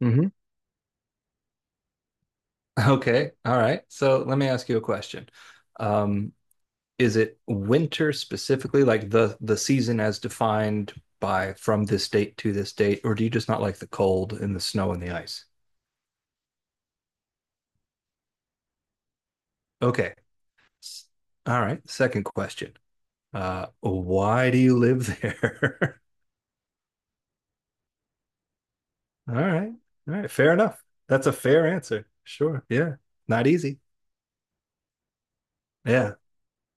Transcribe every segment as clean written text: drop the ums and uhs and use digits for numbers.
hmm Okay. All right. So let me ask you a question. Um, is it winter specifically, like the season as defined by from this date to this date, or do you just not like the cold and the snow and the ice? Okay. S- All right. Second question. Why do you live there? All right. All right. Fair enough. That's a fair answer. Sure. Yeah. Not easy. Yeah.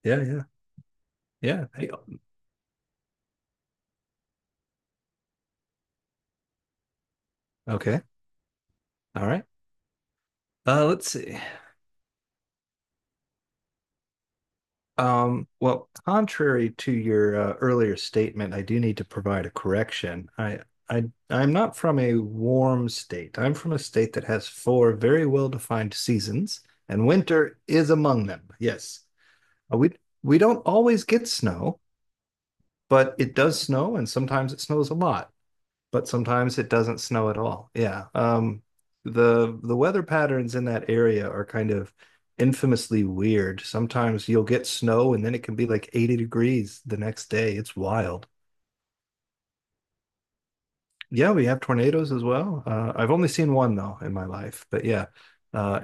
Yeah. Yeah. Yeah. Hey, okay. All right. Let's see. Well, contrary to your earlier statement, I do need to provide a correction. I, I'm not from a warm state. I'm from a state that has four very well-defined seasons, and winter is among them. Yes, we don't always get snow, but it does snow, and sometimes it snows a lot but sometimes it doesn't snow at all. Yeah. The weather patterns in that area are kind of infamously weird. Sometimes you'll get snow and then it can be like 80 degrees the next day. It's wild. Yeah, we have tornadoes as well. I've only seen one though in my life, but yeah. Uh,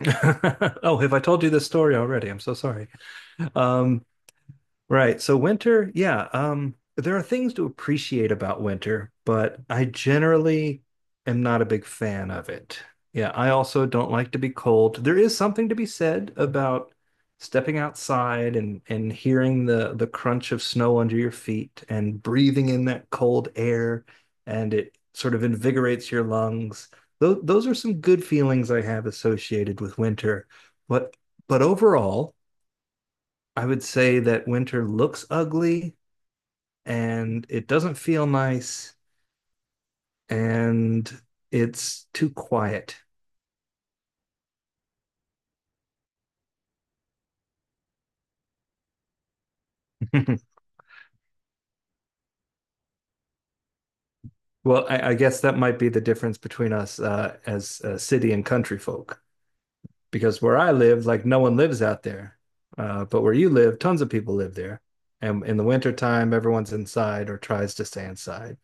oh, have I told you this story already? I'm so sorry. Um, Right. So winter, yeah, there are things to appreciate about winter, but I generally am not a big fan of it. Yeah, I also don't like to be cold. There is something to be said about stepping outside and hearing the crunch of snow under your feet and breathing in that cold air and it sort of invigorates your lungs. Those are some good feelings I have associated with winter. But but overall, I would say that winter looks ugly and it doesn't feel nice and it's too quiet. Well, I guess that might be the difference between us as city and country folk because where I live, like no one lives out there. But where you live, tons of people live there. And in the wintertime, everyone's inside or tries to stay inside.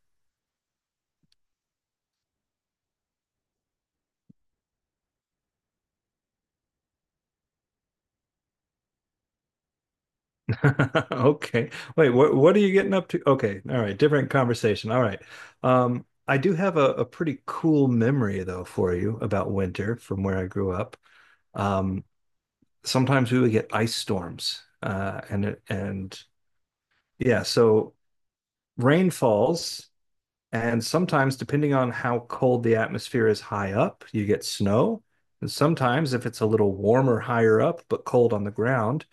Okay. Wait, what are you getting up to? Okay. All right. Different conversation. All right. I do have a pretty cool memory though for you about winter from where I grew up. Um, sometimes we would get ice storms. And yeah, so rain falls, and sometimes depending on how cold the atmosphere is high up, you get snow. And sometimes if it's a little warmer higher up but cold on the ground,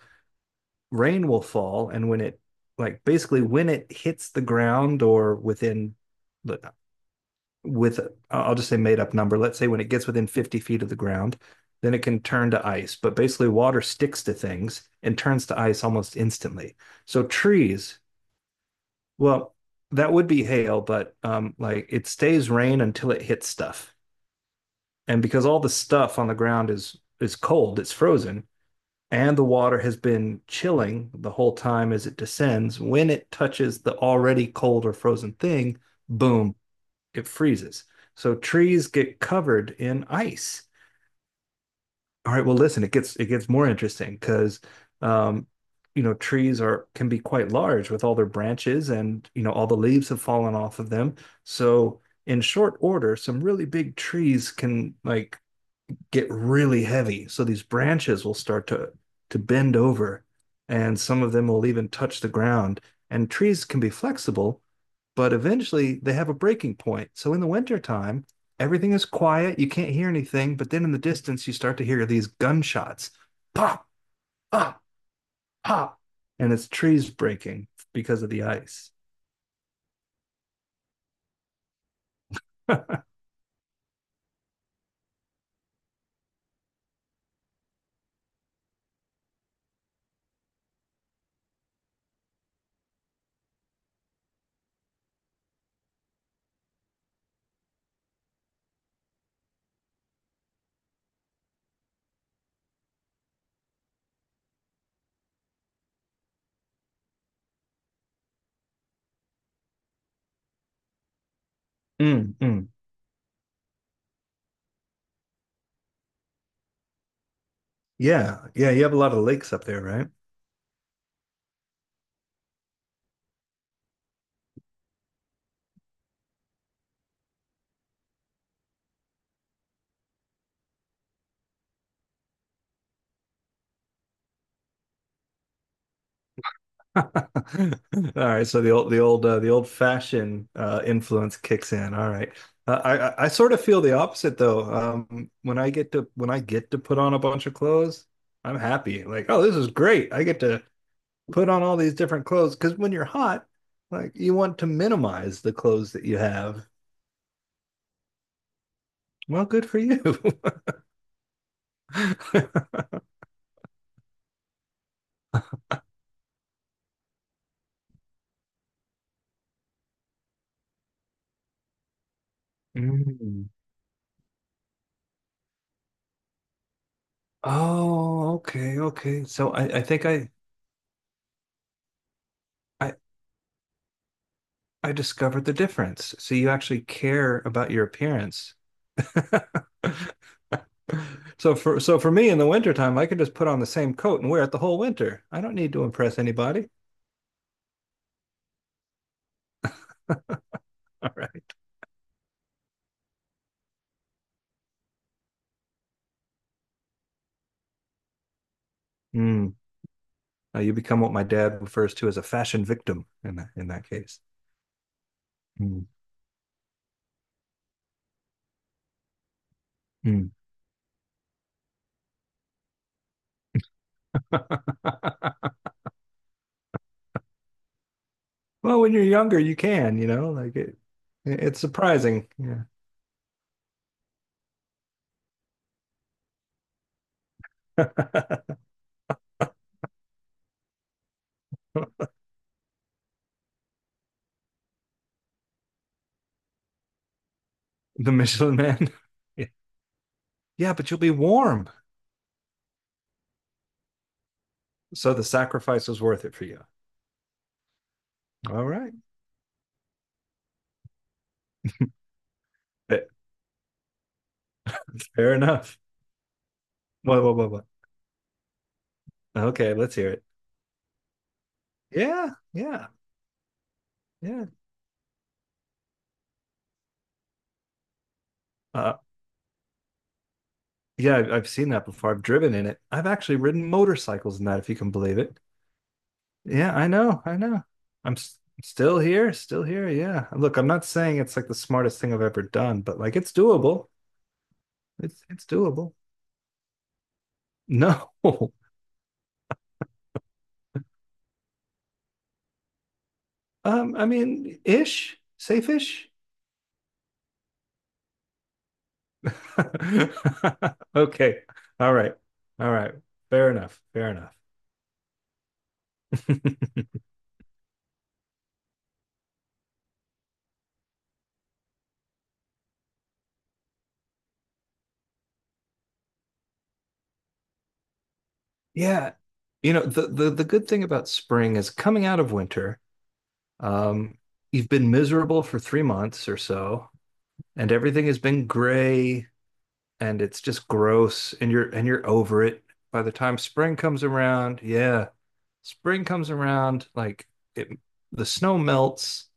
rain will fall and when it hits the ground or within with I'll just say made up number, let's say when it gets within 50 feet of the ground, then it can turn to ice, but basically water sticks to things and turns to ice almost instantly, so trees well that would be hail, but like it stays rain until it hits stuff, and because all the stuff on the ground is cold, it's frozen, and the water has been chilling the whole time as it descends. When it touches the already cold or frozen thing, boom, it freezes. So trees get covered in ice. All right, well, listen, it gets more interesting because, um, you know, trees are can be quite large with all their branches, and you know all the leaves have fallen off of them. So in short order, some really big trees can like get really heavy. So these branches will start to bend over, and some of them will even touch the ground. And trees can be flexible, but eventually they have a breaking point. So in the wintertime, everything is quiet, you can't hear anything, but then in the distance you start to hear these gunshots. Pop, pop, pop. And it's trees breaking because of the ice. Mm, mm. Yeah, yeah, you have a lot of lakes up there, right? All right, so the old fashioned influence kicks in. All right, I sort of feel the opposite though. When I get to put on a bunch of clothes, I'm happy. Like, oh, this is great. I get to put on all these different clothes because when you're hot, like you want to minimize the clothes that you have. Well, good for you. Mm. Oh, okay, okay. So I think I I discovered the difference. So you actually care about your appearance. So for me in the wintertime, I can just put on the same coat and wear it the whole winter. I don't need to impress anybody. All right. Mm. Now you become what my dad refers to as a fashion victim in that case. Mm. Mm. Well, when you're younger, you can, you know, like it's surprising. Yeah. The Michelin man. Yeah. Yeah, but you'll be warm. So the sacrifice was worth it for you. All right. Fair enough. What? Okay, let's hear it. Yeah, yeah, yeah. Uh, yeah, I've seen that before. I've driven in it. I've actually ridden motorcycles in that, if you can believe it. Yeah, I know, I know. I'm s Still here, still here. Yeah. Look, I'm not saying it's like the smartest thing I've ever done, but like it's doable. It's doable. No. I mean, ish, safe-ish. Okay. All right. All right. Fair enough. Fair enough. Yeah. You know, the good thing about spring is coming out of winter, um, you've been miserable for 3 months or so, and everything has been gray and it's just gross and you're over it. By the time spring comes around, yeah. Spring comes around, like it the snow melts,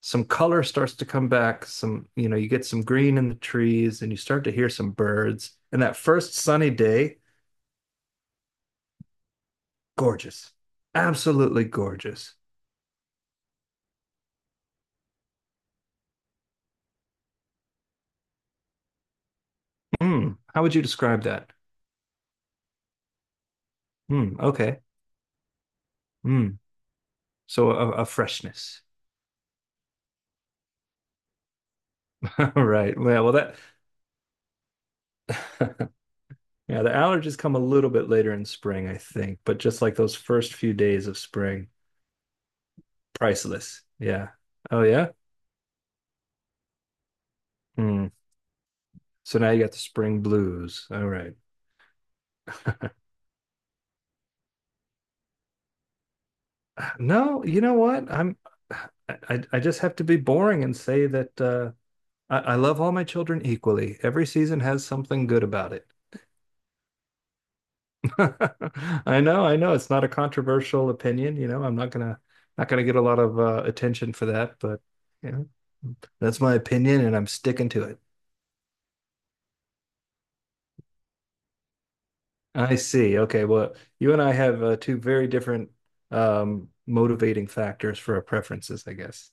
some color starts to come back, some, you know, you get some green in the trees and you start to hear some birds. And that first sunny day, gorgeous. Absolutely gorgeous. Hmm. How would you describe that? Hmm. Okay. Hmm. So a freshness. All right. Yeah, well that yeah, the allergies come a little bit later in spring, I think, but just like those first few days of spring, priceless. Yeah. Oh yeah? Hmm. So now you got the spring blues. All right. No, you know what? I'm I just have to be boring and say that I love all my children equally. Every season has something good about it. I know, I know. It's not a controversial opinion, you know. I'm not gonna Not gonna get a lot of attention for that, but you know, that's my opinion, and I'm sticking to it. I see. Okay, well, you and I have two very different motivating factors for our preferences, I guess.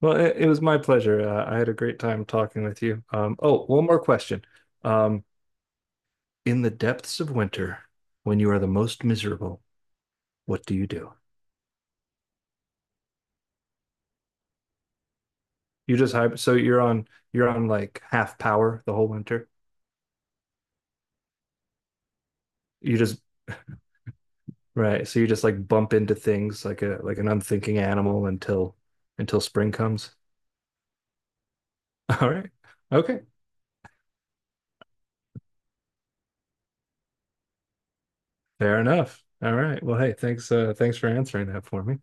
Well, it was my pleasure. I had a great time talking with you. Oh, one more question. Um, in the depths of winter, when you are the most miserable, what do? You just hyper, so you're on like half power the whole winter. You just Right, so you just like bump into things like a like an unthinking animal until spring comes. All right. Okay. Fair enough. All right. Well, hey, thanks for answering that for me.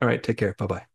All right, take care. Bye-bye.